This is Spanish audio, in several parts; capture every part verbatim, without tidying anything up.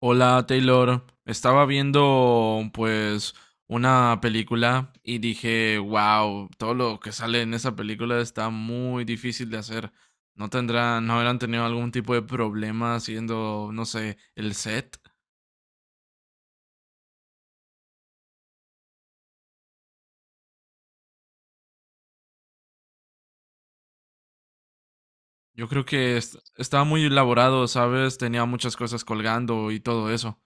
Hola Taylor, estaba viendo pues una película y dije, wow, todo lo que sale en esa película está muy difícil de hacer. ¿No tendrán, no habrán tenido algún tipo de problema haciendo, no sé, el set? Yo creo que est- estaba muy elaborado, ¿sabes? Tenía muchas cosas colgando y todo eso.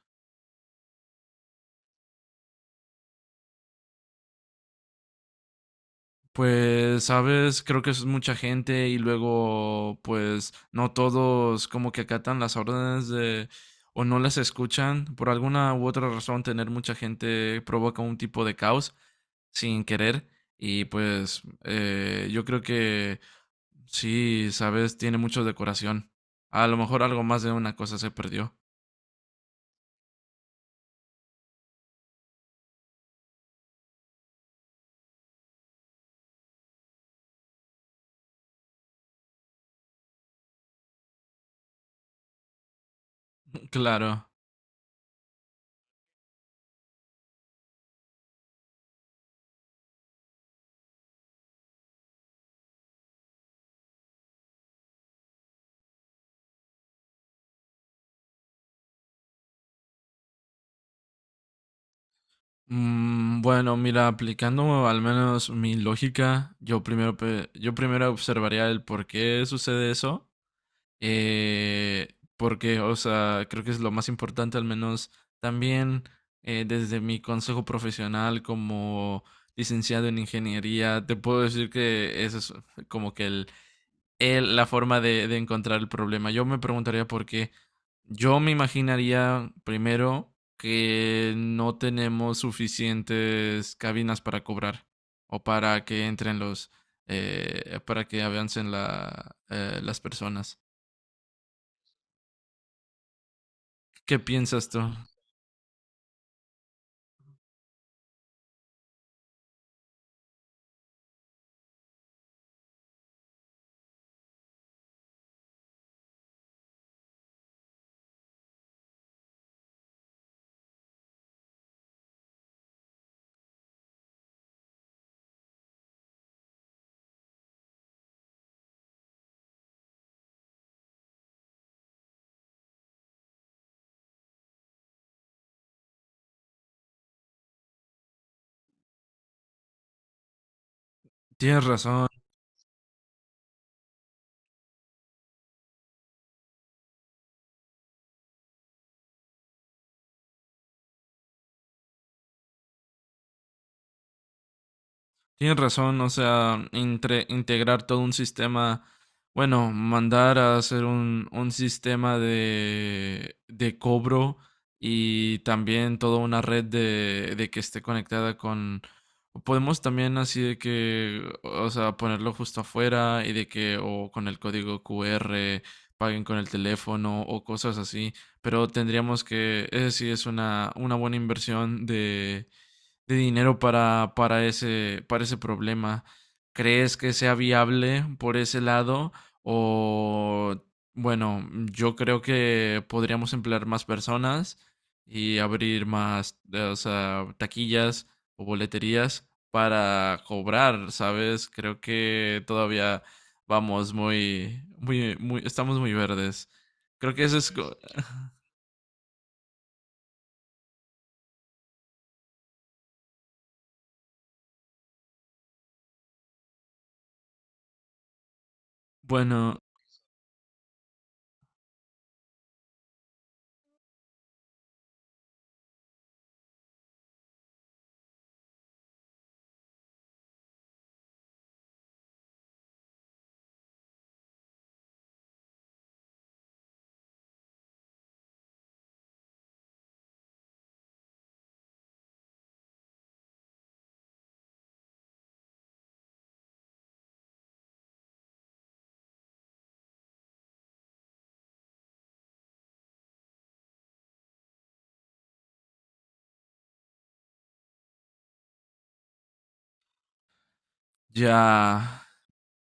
Pues, sabes, creo que es mucha gente y luego, pues, no todos como que acatan las órdenes de o no las escuchan. Por alguna u otra razón, tener mucha gente provoca un tipo de caos sin querer. Y pues, eh, yo creo que sí, sabes, tiene mucho decoración. A lo mejor algo más de una cosa se perdió. Claro. Mm, bueno, mira, aplicando al menos mi lógica, yo primero, pe- yo primero observaría el por qué sucede eso. eh, Porque, o sea, creo que es lo más importante, al menos también eh, desde mi consejo profesional como licenciado en ingeniería, te puedo decir que ese es como que el el- la forma de, de encontrar el problema. Yo me preguntaría por qué. Yo me imaginaría primero que no tenemos suficientes cabinas para cobrar o para que entren los, eh, para que avancen la, eh, las personas. ¿Qué piensas tú? Tienes razón. Tienes razón, o sea, entre, integrar todo un sistema, bueno, mandar a hacer un, un sistema de, de cobro y también toda una red de, de que esté conectada con... Podemos también así de que, o sea, ponerlo justo afuera y de que o con el código Q R paguen con el teléfono o cosas así, pero tendríamos que, ese sí es una, una buena inversión de de dinero para, para ese, para ese problema. ¿Crees que sea viable por ese lado? O, bueno, yo creo que podríamos emplear más personas y abrir más, eh, o sea, taquillas o boleterías para cobrar, ¿sabes? Creo que todavía vamos muy, muy, muy, estamos muy verdes. Creo que eso es, co- bueno, ya.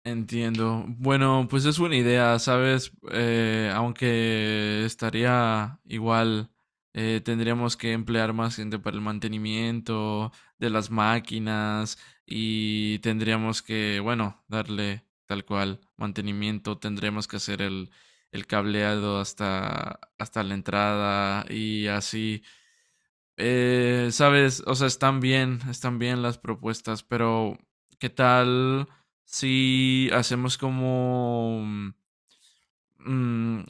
Entiendo. Bueno, pues es buena idea, ¿sabes? Eh, aunque estaría igual, eh, tendríamos que emplear más gente para el mantenimiento de las máquinas y tendríamos que, bueno, darle tal cual mantenimiento, tendríamos que hacer el, el cableado hasta, hasta la entrada y así. Eh, sabes, o sea, están bien, están bien las propuestas, pero ¿qué tal si hacemos como... mm, mm,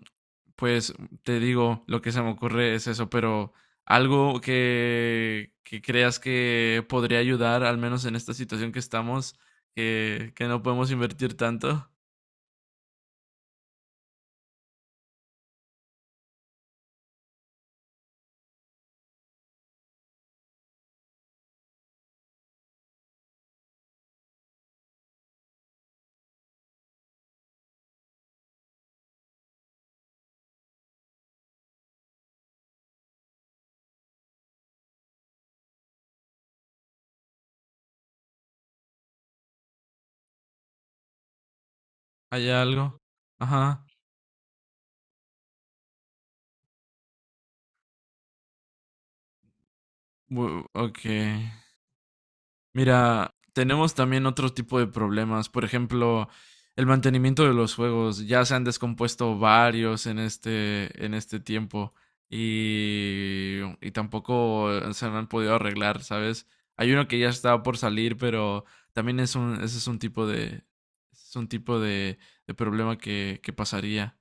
pues te digo, lo que se me ocurre es eso, pero algo que, que creas que podría ayudar, al menos en esta situación que estamos, que, que no podemos invertir tanto. ¿Hay algo? Ajá. Bu- Ok. Mira, tenemos también otro tipo de problemas. Por ejemplo, el mantenimiento de los juegos. Ya se han descompuesto varios en este, en este tiempo. Y, y tampoco se han podido arreglar, ¿sabes? Hay uno que ya estaba por salir, pero también es un, ese es un tipo de, es un tipo de, de problema que, que pasaría.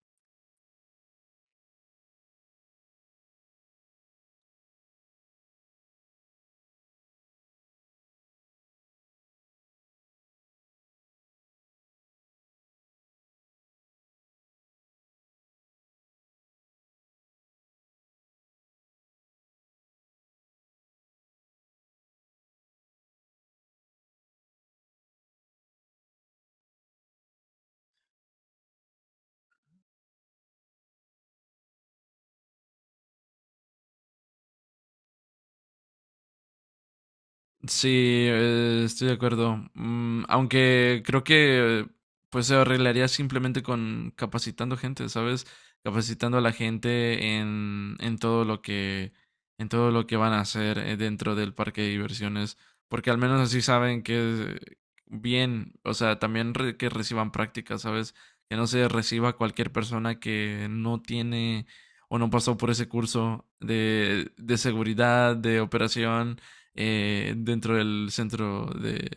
Sí, eh, estoy de acuerdo. Mm, aunque creo que eh, pues se arreglaría simplemente con capacitando gente, ¿sabes? Capacitando a la gente en, en todo lo que en todo lo que van a hacer eh, dentro del parque de diversiones, porque al menos así saben que eh, bien, o sea, también re- que reciban prácticas, ¿sabes? Que no se reciba cualquier persona que no tiene o no pasó por ese curso de de seguridad, de operación eh, dentro del centro de,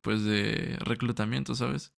pues, de reclutamiento, ¿sabes?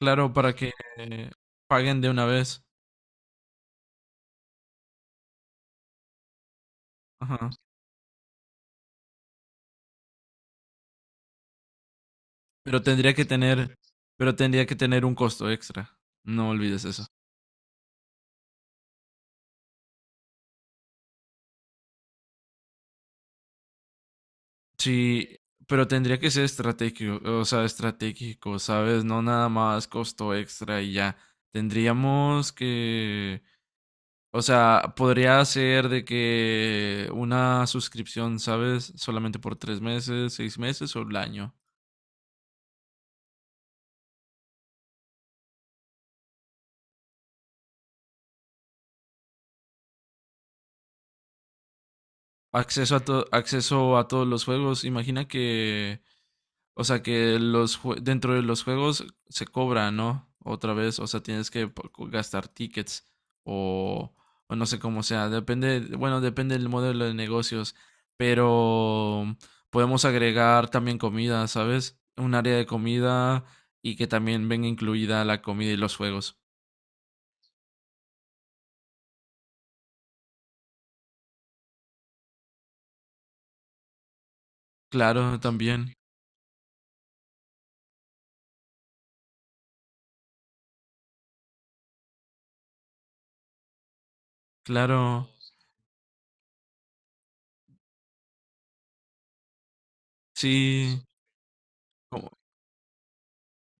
Claro, para que eh, paguen de una vez. Ajá. Pero tendría que tener, pero tendría que tener un costo extra. No olvides eso. Sí, pero tendría que ser estratégico, o sea, estratégico, ¿sabes? No nada más costo extra y ya. Tendríamos que, o sea, podría ser de que una suscripción, ¿sabes? Solamente por tres meses, seis meses o el año. Acceso a, to- acceso a todos los juegos. Imagina que, o sea, que los jue- dentro de los juegos se cobra, ¿no? Otra vez, o sea, tienes que po- gastar tickets o, o no sé cómo sea. Depende, bueno, depende del modelo de negocios, pero podemos agregar también comida, ¿sabes? Un área de comida y que también venga incluida la comida y los juegos. Claro, también. Claro. Sí.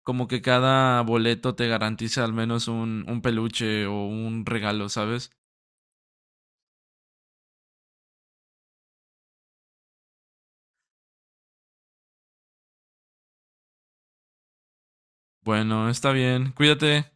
Como que cada boleto te garantiza al menos un, un peluche o un regalo, ¿sabes? Bueno, está bien. Cuídate.